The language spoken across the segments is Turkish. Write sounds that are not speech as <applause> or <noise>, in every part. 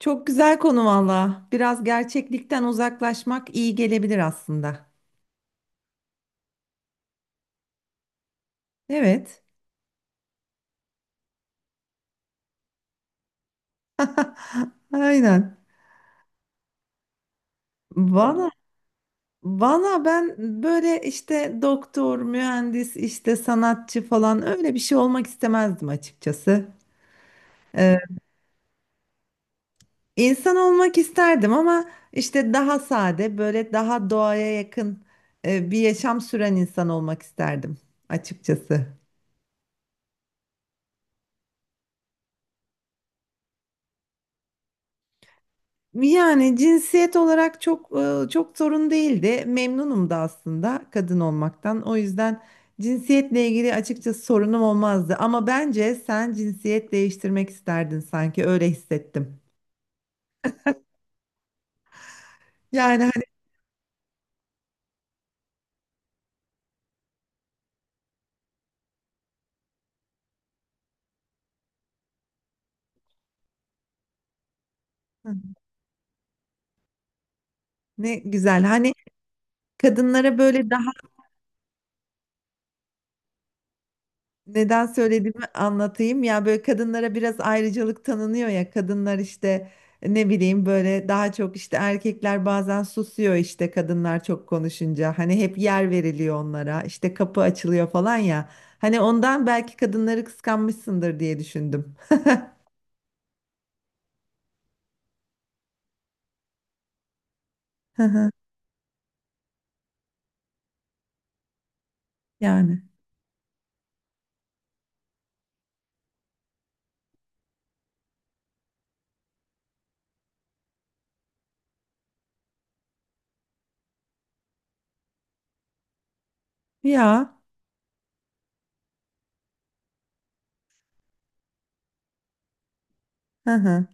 Çok güzel konu valla. Biraz gerçeklikten uzaklaşmak iyi gelebilir aslında. Evet. <laughs> Aynen. Valla valla ben böyle işte doktor, mühendis, işte sanatçı falan öyle bir şey olmak istemezdim açıkçası. Ee, insan olmak isterdim ama işte daha sade, böyle daha doğaya yakın bir yaşam süren insan olmak isterdim açıkçası. Yani cinsiyet olarak çok sorun değildi. Memnunum da aslında kadın olmaktan. O yüzden cinsiyetle ilgili açıkçası sorunum olmazdı. Ama bence sen cinsiyet değiştirmek isterdin, sanki öyle hissettim. Yani hani ne güzel. Hani kadınlara böyle... Neden söylediğimi anlatayım. Ya, böyle kadınlara biraz ayrıcalık tanınıyor ya. Kadınlar işte ne bileyim, böyle daha çok işte erkekler bazen susuyor, işte kadınlar çok konuşunca. Hani hep yer veriliyor onlara. İşte kapı açılıyor falan ya. Hani ondan belki kadınları kıskanmışsındır diye düşündüm. <laughs> Hı hı. Yani. Ya. Hı hı.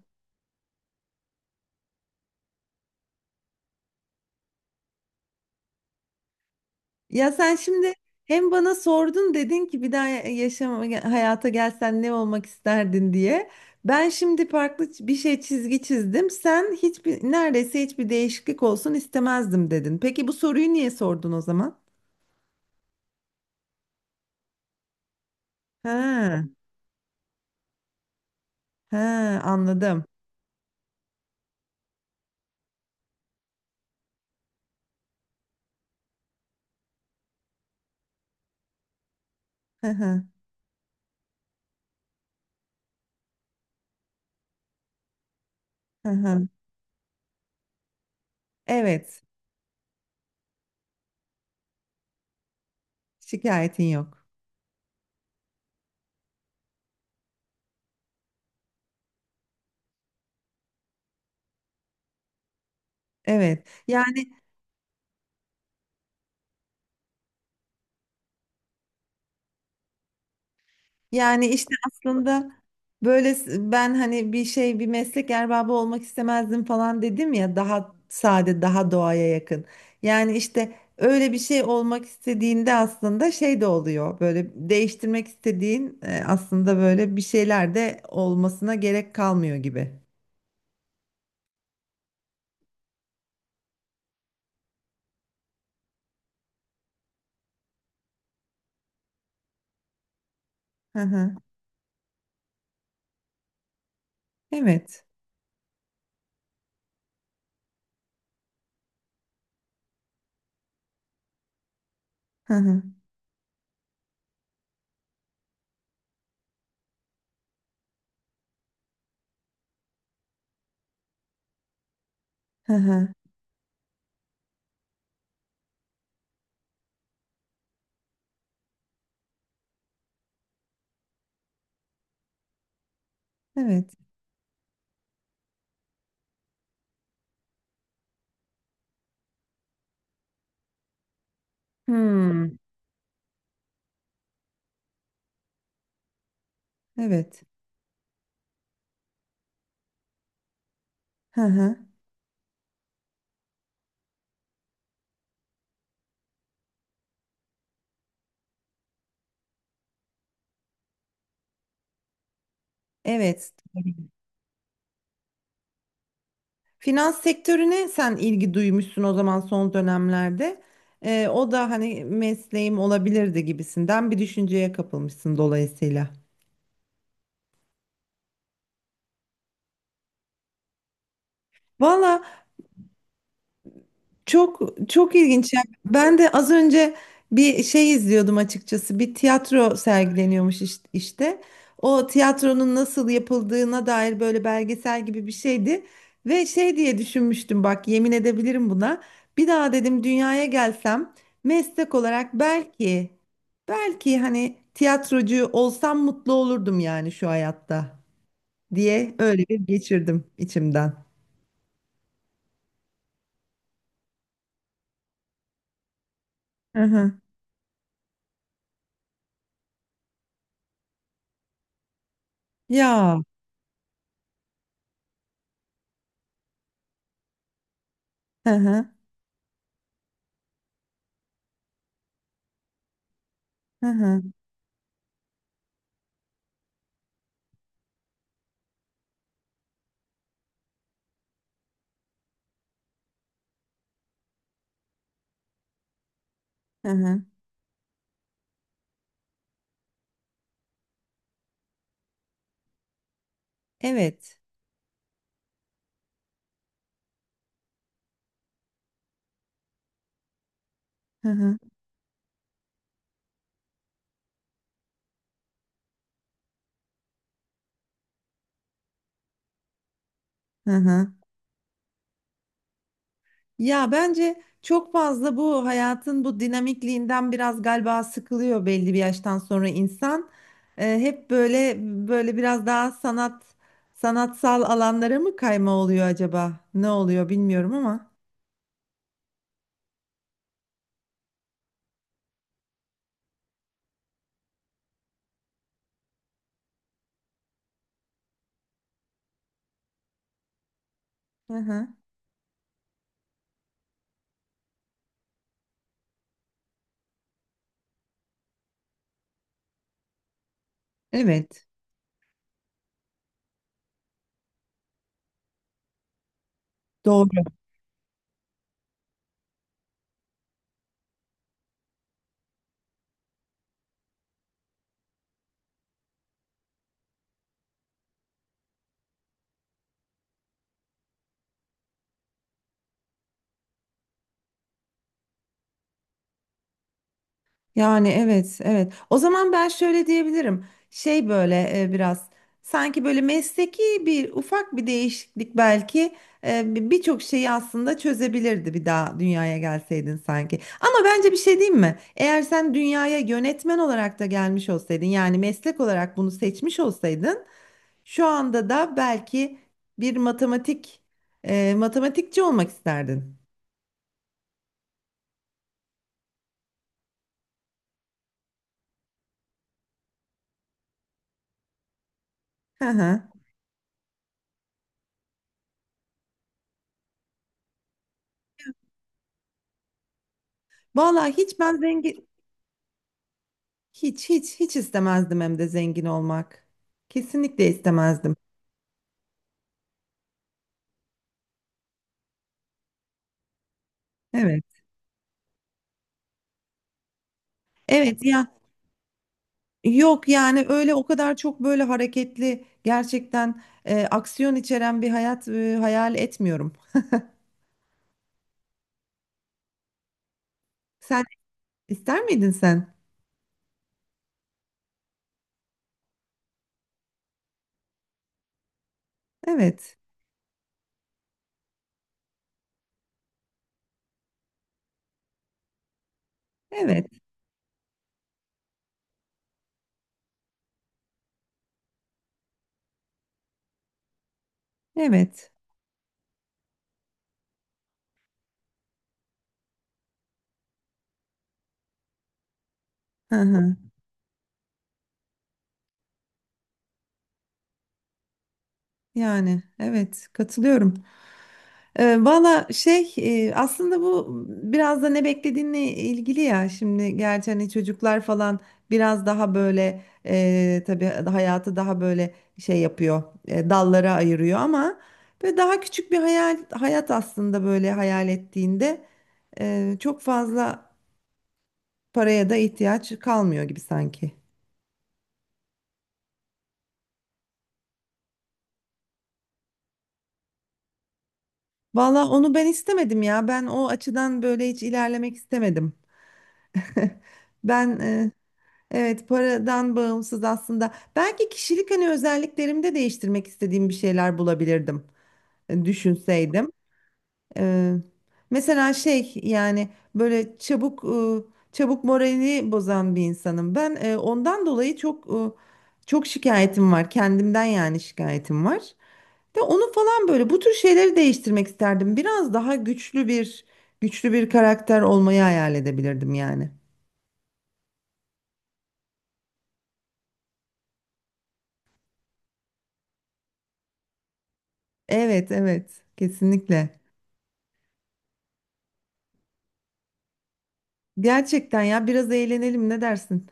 Ya sen şimdi hem bana sordun, dedin ki bir daha yaşam hayata gelsen ne olmak isterdin diye. Ben şimdi farklı bir şey çizgi çizdim. Sen hiçbir, neredeyse hiçbir değişiklik olsun istemezdim dedin. Peki bu soruyu niye sordun o zaman? Ha, ha, anladım. Hı hı, hı hı. Evet, şikayetin yok. Evet. Yani işte aslında böyle ben hani bir şey, bir meslek erbabı olmak istemezdim falan dedim ya, daha sade daha doğaya yakın. Yani işte öyle bir şey olmak istediğinde aslında şey de oluyor, böyle değiştirmek istediğin aslında böyle bir şeyler de olmasına gerek kalmıyor gibi. Hı hı. Evet. Hı hı. Hı hı. Evet. Hmm. Evet. Hı hı. Evet. Finans sektörüne sen ilgi duymuşsun o zaman, son dönemlerde. O da hani mesleğim olabilirdi gibisinden bir düşünceye kapılmışsın dolayısıyla. Valla, çok çok ilginç. Yani ben de az önce bir şey izliyordum açıkçası. Bir tiyatro sergileniyormuş işte. O tiyatronun nasıl yapıldığına dair böyle belgesel gibi bir şeydi. Ve şey diye düşünmüştüm, bak yemin edebilirim buna. Bir daha dedim dünyaya gelsem, meslek olarak belki hani tiyatrocu olsam mutlu olurdum yani şu hayatta diye öyle bir geçirdim içimden. Hı hı. Ya. Hı hı. Hı hı. Hı hı. Evet. Hı hı, hı hı. Ya bence çok fazla bu hayatın bu dinamikliğinden biraz galiba sıkılıyor belli bir yaştan sonra insan. Hep böyle böyle biraz daha sanatsal alanlara mı kayma oluyor acaba? Ne oluyor bilmiyorum ama. Hı hı. Evet. Doğru. Yani evet, evet. O zaman ben şöyle diyebilirim. Şey böyle biraz sanki böyle mesleki bir ufak bir değişiklik belki birçok şeyi aslında çözebilirdi bir daha dünyaya gelseydin sanki. Ama bence bir şey diyeyim mi? Eğer sen dünyaya yönetmen olarak da gelmiş olsaydın, yani meslek olarak bunu seçmiş olsaydın, şu anda da belki bir matematikçi olmak isterdin. Hı hı. Vallahi hiç, ben zengin... Hiç, hiç, hiç istemezdim hem de zengin olmak. Kesinlikle istemezdim. Evet. Evet ya, yok yani öyle o kadar çok böyle hareketli, gerçekten aksiyon içeren bir hayat hayal etmiyorum. Sen ister miydin sen? Evet. Evet. Evet. Hı hı. Yani evet, katılıyorum. Valla şey, aslında bu biraz da ne beklediğinle ilgili ya, şimdi gerçi hani çocuklar falan biraz daha böyle tabii hayatı daha böyle şey yapıyor, dallara ayırıyor ama böyle daha küçük bir hayat aslında, böyle hayal ettiğinde çok fazla paraya da ihtiyaç kalmıyor gibi sanki. Valla onu ben istemedim ya, ben o açıdan böyle hiç ilerlemek istemedim. <laughs> Ben e, Evet, paradan bağımsız aslında. Belki kişilik hani özelliklerimde değiştirmek istediğim bir şeyler bulabilirdim. Düşünseydim. Ee, Mesela şey yani böyle çabuk moralini bozan bir insanım. Ben ondan dolayı çok şikayetim var. Kendimden yani şikayetim var. Ve onu falan böyle bu tür şeyleri değiştirmek isterdim. Biraz daha güçlü bir karakter olmayı hayal edebilirdim yani. Evet, evet. Kesinlikle. Gerçekten ya, biraz eğlenelim, ne dersin?